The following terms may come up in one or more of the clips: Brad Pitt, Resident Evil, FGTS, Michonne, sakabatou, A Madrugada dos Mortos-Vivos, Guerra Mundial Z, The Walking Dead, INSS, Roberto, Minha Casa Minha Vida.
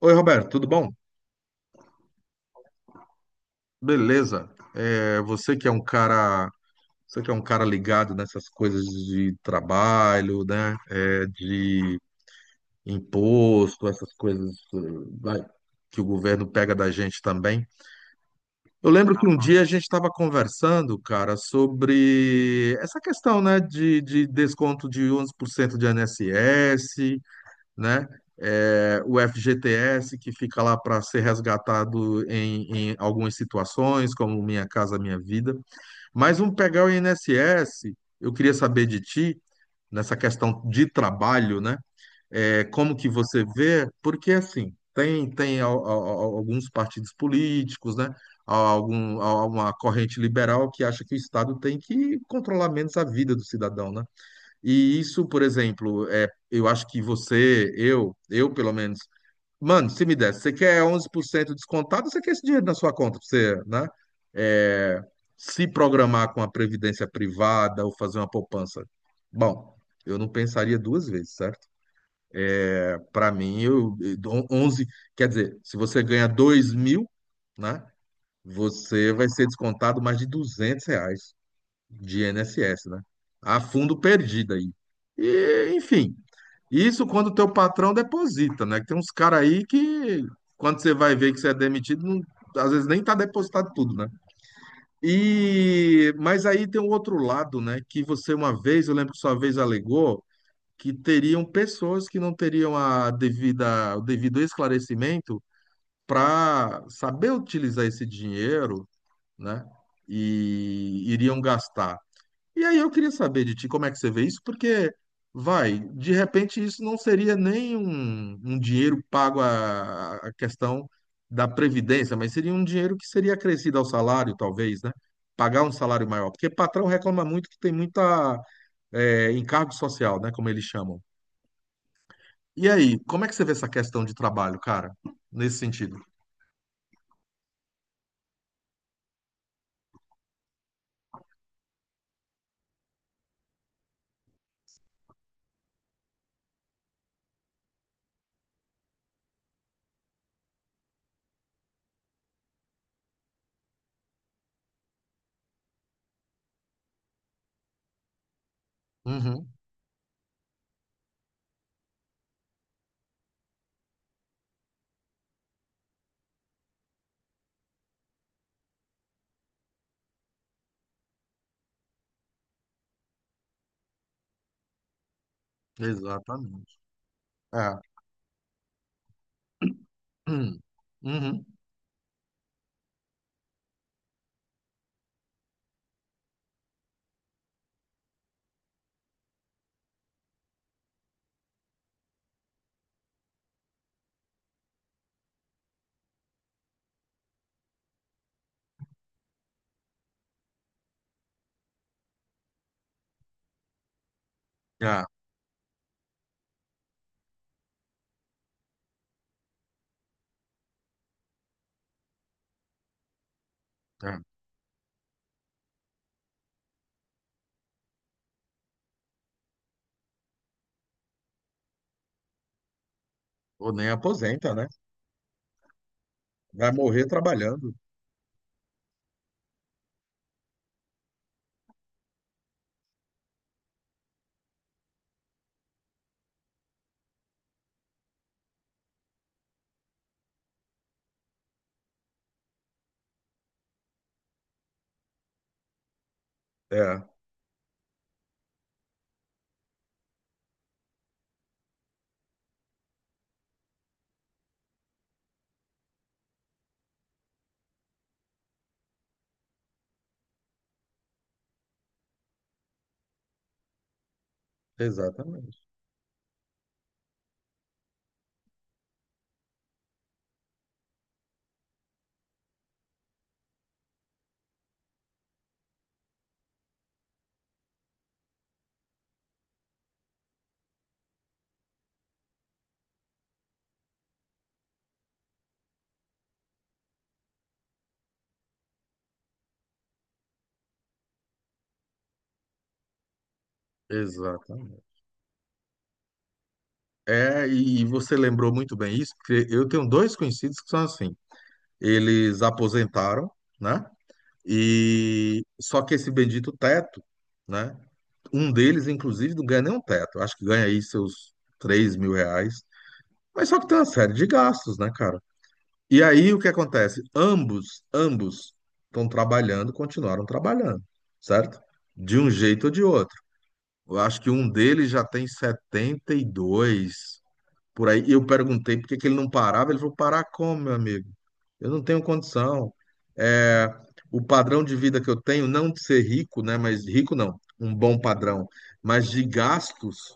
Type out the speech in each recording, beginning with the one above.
Oi, Roberto, tudo bom? Beleza. É, você que é um cara ligado nessas coisas de trabalho, né? É, de imposto, essas coisas, vai, que o governo pega da gente também. Eu lembro que um dia a gente estava conversando, cara, sobre essa questão, né, de desconto de 11% de INSS, né? É, o FGTS, que fica lá para ser resgatado em algumas situações, como Minha Casa Minha Vida. Mas vamos pegar o INSS, eu queria saber de ti, nessa questão de trabalho, né? É, como que você vê? Porque, assim, tem alguns partidos políticos, né? Algum, uma corrente liberal que acha que o Estado tem que controlar menos a vida do cidadão, né? E isso, por exemplo, é, eu acho que você, eu pelo menos, mano, se me desse, você quer 11% descontado, você quer esse dinheiro na sua conta pra você, né? É, se programar com a previdência privada ou fazer uma poupança. Bom, eu não pensaria duas vezes, certo? Para mim, 11, quer dizer, se você ganha 2.000, né? Você vai ser descontado mais de R$ 200 de INSS, né? A fundo perdido aí. E, enfim, isso quando o teu patrão deposita, né? Que tem uns caras aí que, quando você vai ver que você é demitido, às vezes nem tá depositado tudo, né? E, mas aí tem um outro lado, né? Que você uma vez, eu lembro que sua vez alegou que teriam pessoas que não teriam a devida, o devido esclarecimento para saber utilizar esse dinheiro, né? E iriam gastar. E aí eu queria saber de ti como é que você vê isso, porque vai, de repente isso não seria nem um, um dinheiro pago à, à questão da previdência, mas seria um dinheiro que seria acrescido ao salário, talvez, né? Pagar um salário maior, porque patrão reclama muito que tem muita encargo social, né? Como eles chamam. E aí, como é que você vê essa questão de trabalho, cara, nesse sentido? Uhum, exatamente. É. Hum, Uhum. É, é. Ou nem aposenta, né? Vai morrer trabalhando. É. Exatamente, exatamente. É, e você lembrou muito bem isso, porque eu tenho dois conhecidos que são assim. Eles aposentaram, né? E só que esse bendito teto, né? Um deles, inclusive, não ganha nem um teto. Acho que ganha aí seus R$ 3.000. Mas só que tem uma série de gastos, né, cara? E aí o que acontece? Ambos, ambos estão trabalhando, continuaram trabalhando, certo? De um jeito ou de outro. Eu acho que um deles já tem 72 por aí. E eu perguntei por que que ele não parava. Ele falou, parar como, meu amigo? Eu não tenho condição. É, o padrão de vida que eu tenho, não de ser rico, né? Mas rico não, um bom padrão. Mas de gastos,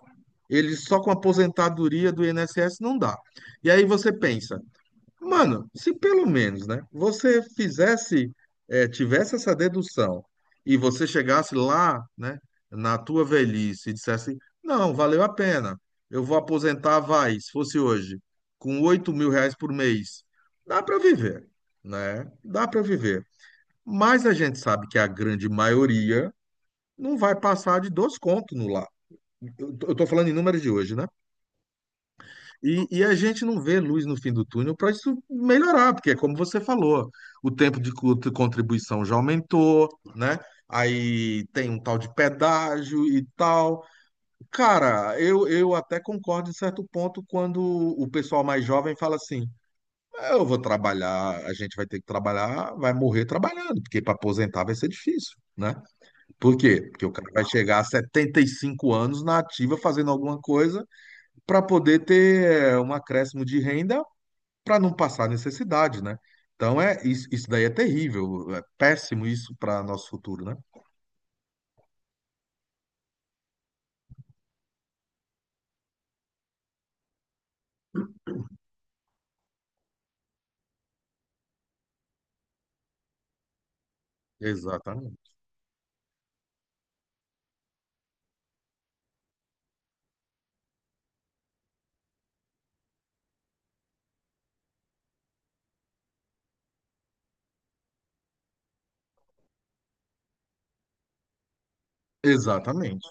ele só com a aposentadoria do INSS não dá. E aí você pensa, mano, se pelo menos, né, você fizesse, tivesse essa dedução e você chegasse lá, né, na tua velhice e dissesse, não, valeu a pena, eu vou aposentar, vai, se fosse hoje, com R$ 8.000 por mês, dá para viver, né? Dá para viver. Mas a gente sabe que a grande maioria não vai passar de dois contos no lá. Eu tô falando em números de hoje, né? E a gente não vê luz no fim do túnel para isso melhorar, porque é como você falou, o tempo de de contribuição já aumentou, né? Aí tem um tal de pedágio e tal. Cara, eu até concordo em certo ponto quando o pessoal mais jovem fala assim: eu vou trabalhar, a gente vai ter que trabalhar, vai morrer trabalhando, porque para aposentar vai ser difícil, né? Por quê? Porque o cara vai chegar a 75 anos na ativa fazendo alguma coisa para poder ter um acréscimo de renda para não passar necessidade, né? Então é isso, isso daí é terrível, é péssimo isso para nosso futuro, né? Exatamente. Exatamente.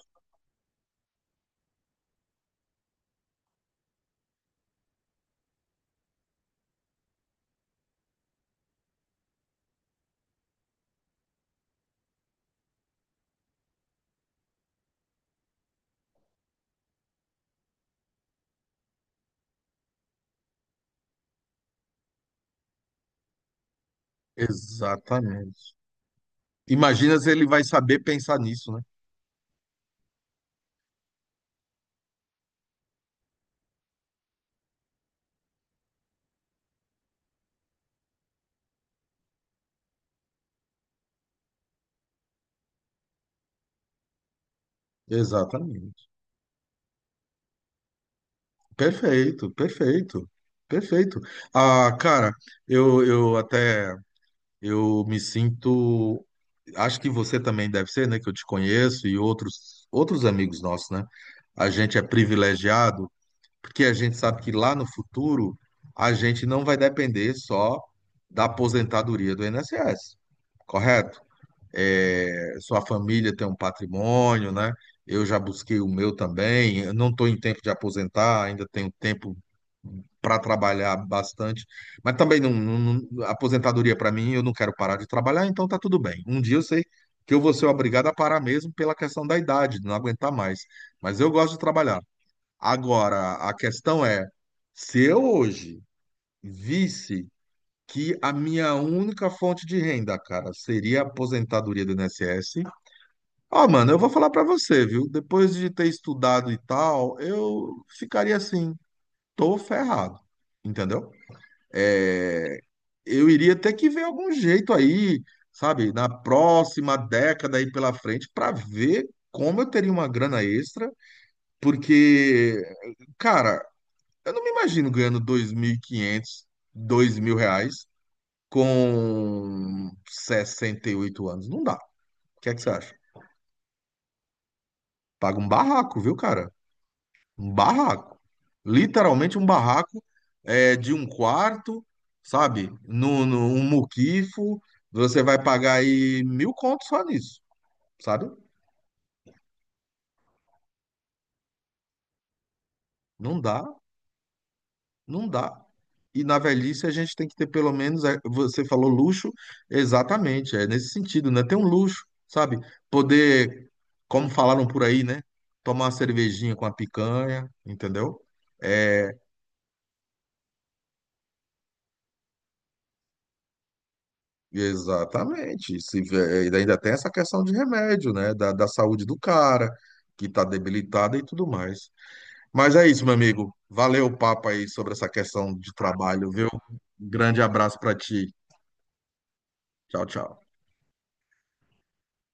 Exatamente. Imagina se ele vai saber pensar nisso, né? Exatamente. Perfeito, perfeito, perfeito. Ah, cara, eu, eu até eu me sinto. Acho que você também deve ser, né? Que eu te conheço e outros amigos nossos, né? A gente é privilegiado porque a gente sabe que lá no futuro a gente não vai depender só da aposentadoria do INSS, correto? É, sua família tem um patrimônio, né? Eu já busquei o meu também. Eu não estou em tempo de aposentar, ainda tenho tempo para trabalhar bastante, mas também aposentadoria para mim, eu não quero parar de trabalhar, então tá tudo bem. Um dia eu sei que eu vou ser obrigado a parar mesmo pela questão da idade, de não aguentar mais, mas eu gosto de trabalhar. Agora, a questão é, se eu hoje visse que a minha única fonte de renda, cara, seria a aposentadoria do INSS, ó, mano, eu vou falar pra você, viu? Depois de ter estudado e tal, eu ficaria assim, tô ferrado, entendeu? É, eu iria ter que ver algum jeito aí, sabe, na próxima década aí pela frente, pra ver como eu teria uma grana extra, porque cara, eu não me imagino ganhando 2.500, R$ 2.000 com 68 anos. Não dá. O que é que você acha? Paga um barraco, viu, cara? Um barraco. Literalmente um barraco é, de um quarto, sabe? No, no, um muquifo. Você vai pagar aí mil contos só nisso, sabe? Não dá, não dá. E na velhice a gente tem que ter pelo menos, é, você falou luxo, exatamente, é nesse sentido, né? Ter um luxo, sabe? Poder, como falaram por aí, né? Tomar uma cervejinha com a picanha, entendeu? É, exatamente. Se, vê- é, e ainda tem essa questão de remédio, né? Da saúde do cara, que tá debilitada e tudo mais. Mas é isso, meu amigo. Valeu o papo aí sobre essa questão de trabalho, viu? Grande abraço pra ti. Tchau, tchau.